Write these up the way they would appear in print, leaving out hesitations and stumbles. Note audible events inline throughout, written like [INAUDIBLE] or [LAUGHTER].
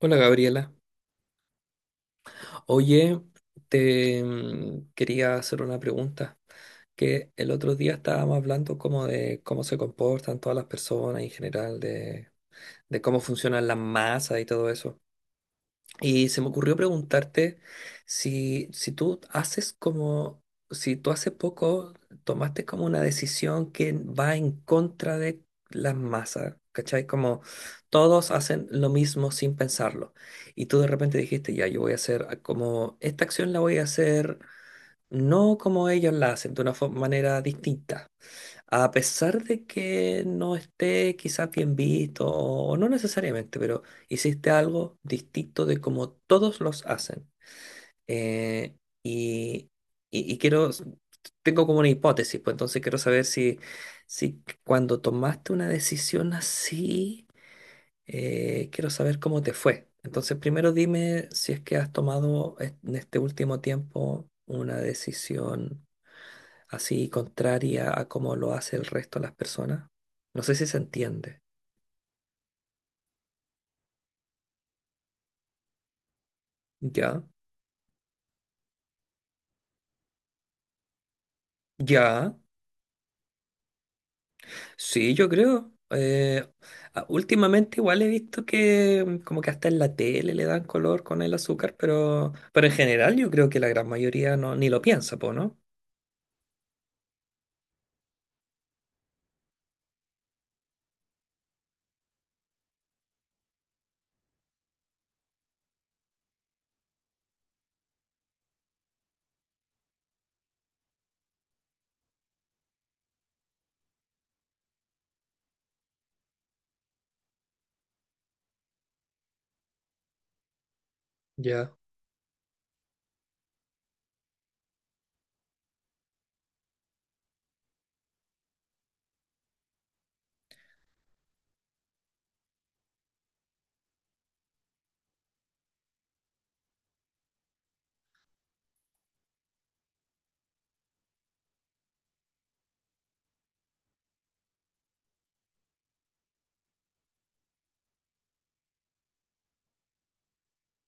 Hola Gabriela. Oye, te quería hacer una pregunta, que el otro día estábamos hablando como de cómo se comportan todas las personas en general, de cómo funcionan las masas y todo eso. Y se me ocurrió preguntarte si tú haces como, si tú hace poco tomaste como una decisión que va en contra de las masas, ¿cachai? Como todos hacen lo mismo sin pensarlo. Y tú de repente dijiste, ya, yo voy a hacer como, esta acción la voy a hacer no como ellos la hacen, de una manera distinta. A pesar de que no esté quizás bien visto, o no necesariamente, pero hiciste algo distinto de como todos los hacen. Eh, y, y quiero, tengo como una hipótesis, pues entonces quiero saber si cuando tomaste una decisión así, quiero saber cómo te fue. Entonces primero dime si es que has tomado en este último tiempo una decisión así contraria a cómo lo hace el resto de las personas. No sé si se entiende. Ya, ya. Sí, yo creo. Últimamente igual he visto que como que hasta en la tele le dan color con el azúcar, pero en general yo creo que la gran mayoría no, ni lo piensa, po, ¿no? Ya,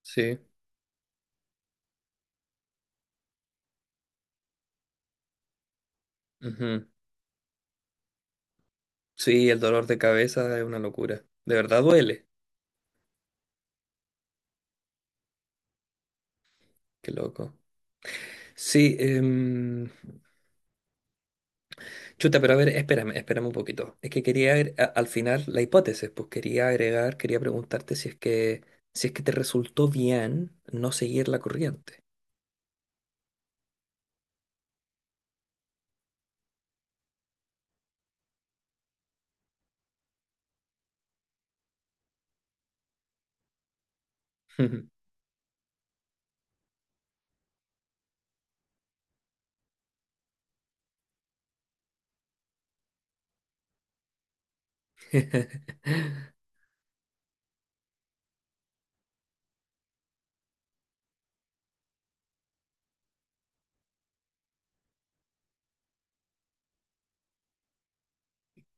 sí. Ujú. Sí, el dolor de cabeza es una locura. De verdad duele. Qué loco. Sí, chuta, pero a ver, espérame, espérame un poquito. Es que quería al final la hipótesis, pues quería agregar, quería preguntarte si es que si es que te resultó bien no seguir la corriente. [LAUGHS]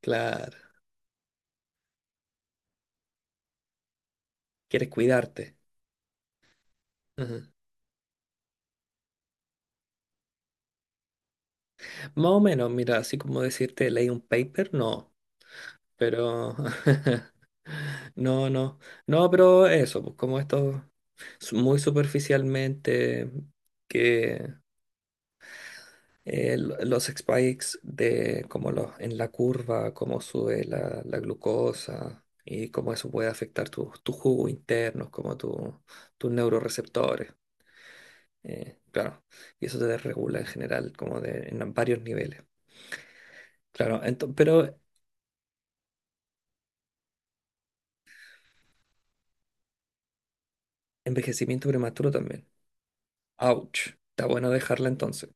Claro, quieres cuidarte. Ujú. Más o menos, mira, así como decirte leí un paper, no, pero [LAUGHS] no, no, no, pero eso, pues como esto muy superficialmente que los spikes de como los, en la curva, cómo sube la glucosa y cómo eso puede afectar tus jugos internos, como tus neuroreceptores. Claro, y eso te desregula en general, como de, en varios niveles. Claro, pero envejecimiento prematuro también. Ouch, está bueno dejarla entonces.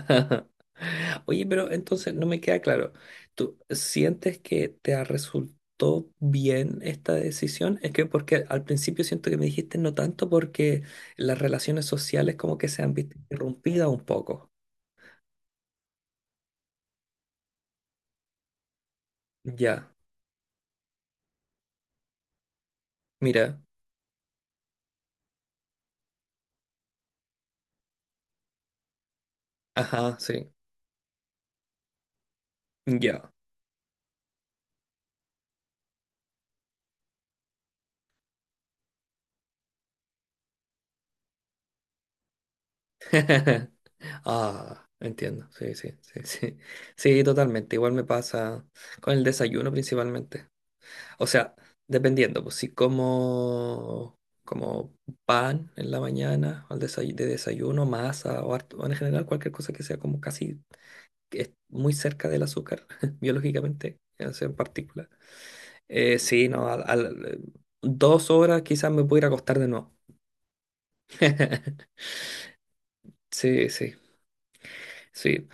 [LAUGHS] Oye, pero entonces no me queda claro. ¿Tú sientes que te resultó bien esta decisión? Es que porque al principio siento que me dijiste no tanto porque las relaciones sociales como que se han visto interrumpidas un poco. Ya, mira. Ajá, sí. Ya. [LAUGHS] Ah, entiendo. Sí, sí, sí, sí. Sí, totalmente. Igual me pasa con el desayuno principalmente. O sea, dependiendo, pues si como, como pan en la mañana, al de desayuno, masa o, o en general cualquier cosa que sea como casi que es muy cerca del azúcar, [LAUGHS] biológicamente, o sea, en particular. Sí, no, dos horas quizás me pudiera acostar de nuevo. [LAUGHS] Sí, sí, sí.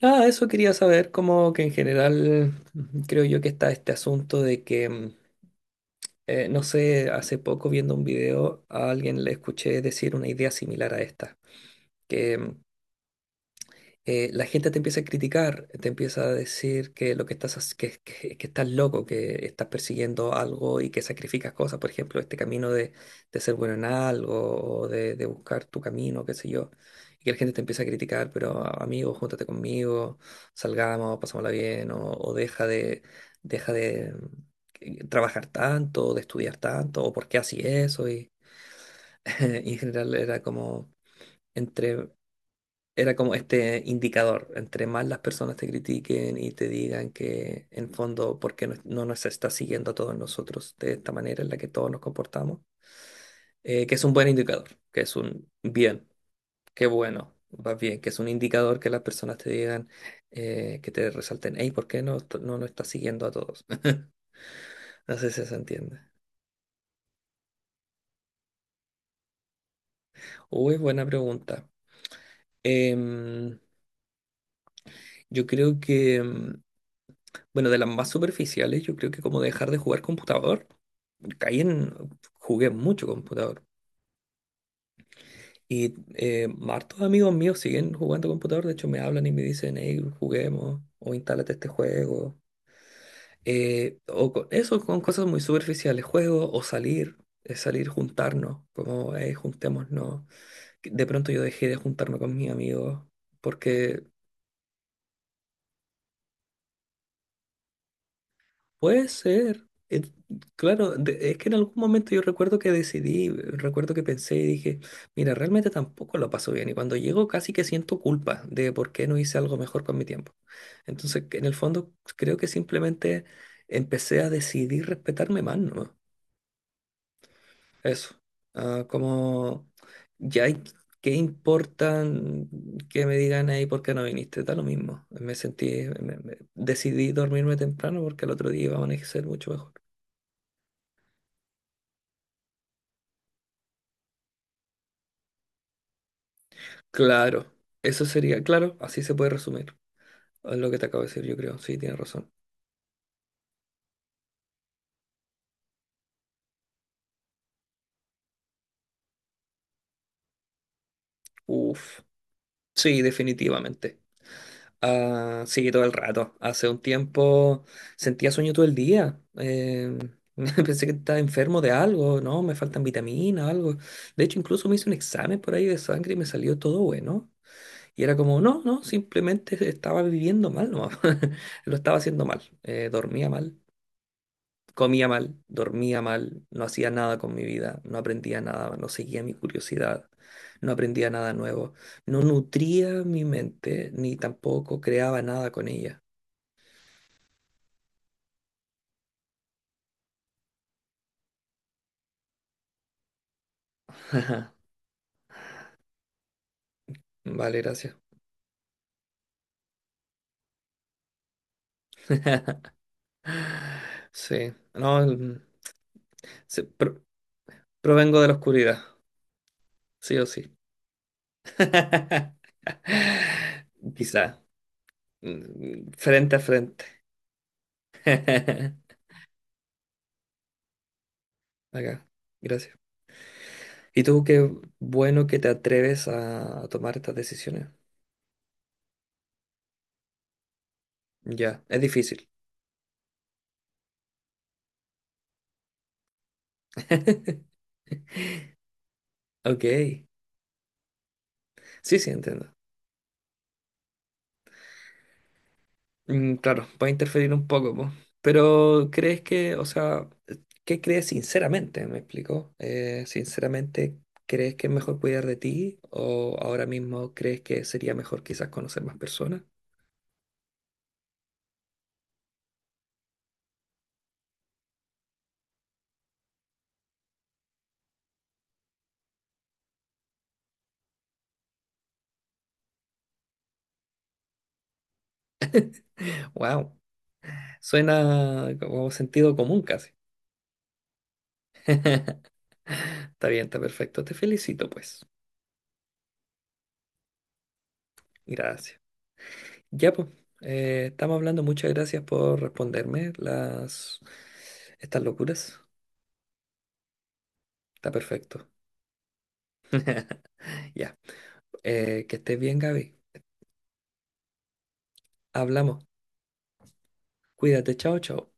Ah, eso quería saber, como que en general creo yo que está este asunto de que... no sé, hace poco viendo un video a alguien le escuché decir una idea similar a esta, que la gente te empieza a criticar, te empieza a decir que lo que estás, que estás loco, que estás persiguiendo algo y que sacrificas cosas, por ejemplo, este camino de ser bueno en algo o de buscar tu camino, qué sé yo, y que la gente te empieza a criticar, pero "Ah, amigo, júntate conmigo, salgamos, pasámosla bien, o deja de trabajar tanto, de estudiar tanto, o por qué así eso, y [LAUGHS] y en general era como entre era como este indicador, entre más las personas te critiquen y te digan que en fondo, ¿por qué no nos está siguiendo a todos nosotros de esta manera en la que todos nos comportamos? Que es un buen indicador, que es un bien, qué bueno, va bien, que es un indicador que las personas te digan, que te resalten, hey, ¿por qué no, no nos está siguiendo a todos? [LAUGHS] No sé si se entiende. Uy, buena pregunta. Em, yo creo que... bueno, de las más superficiales, yo creo que como dejar de jugar computador, caí en, jugué mucho computador. Y hartos amigos míos siguen jugando computador, de hecho me hablan y me dicen, hey, juguemos, o instálate este juego. O eso con cosas muy superficiales, juego o salir, salir, juntarnos, como, hey, juntémonos. Que de pronto yo dejé de juntarme con mis amigos porque puede ser. Claro, es que en algún momento yo recuerdo que decidí, recuerdo que pensé y dije, mira, realmente tampoco lo paso bien. Y cuando llego casi que siento culpa de por qué no hice algo mejor con mi tiempo. Entonces, en el fondo, creo que simplemente empecé a decidir respetarme más, ¿no? Eso. Ah, como ya hay- ¿qué importan que me digan ahí por qué no viniste? Da lo mismo. Me sentí, decidí dormirme temprano porque al otro día iba a amanecer mucho mejor. Claro, eso sería, claro, así se puede resumir es lo que te acabo de decir, yo creo. Sí, tienes razón. Uf, sí, definitivamente. Ah, sí, todo el rato. Hace un tiempo sentía sueño todo el día. [LAUGHS] Pensé que estaba enfermo de algo, ¿no? Me faltan vitaminas, algo. De hecho, incluso me hice un examen por ahí de sangre y me salió todo bueno. Y era como, no, no, simplemente estaba viviendo mal, no, [LAUGHS] lo estaba haciendo mal. Dormía mal. Comía mal, dormía mal, no hacía nada con mi vida, no aprendía nada, no seguía mi curiosidad, no aprendía nada nuevo, no nutría mi mente ni tampoco creaba nada con ella. Vale, gracias. [LAUGHS] Sí, no, sí, provengo de la oscuridad, sí o sí. [LAUGHS] Quizá, frente a frente. [LAUGHS] Acá, gracias. ¿Y tú qué bueno que te atreves a tomar estas decisiones? Ya, es difícil. Ok. Sí, sí, entiendo. Mm, claro, puede interferir un poco, po. Pero ¿crees que, o sea, qué crees sinceramente? ¿Me explico? Sinceramente, ¿crees que es mejor cuidar de ti o ahora mismo crees que sería mejor quizás conocer más personas? Wow, suena como sentido común casi. Está bien, está perfecto. Te felicito, pues. Gracias. Ya, pues, estamos hablando. Muchas gracias por responderme las estas locuras. Está perfecto. Ya. Que estés bien, Gaby. Hablamos. Cuídate. Chao, chao.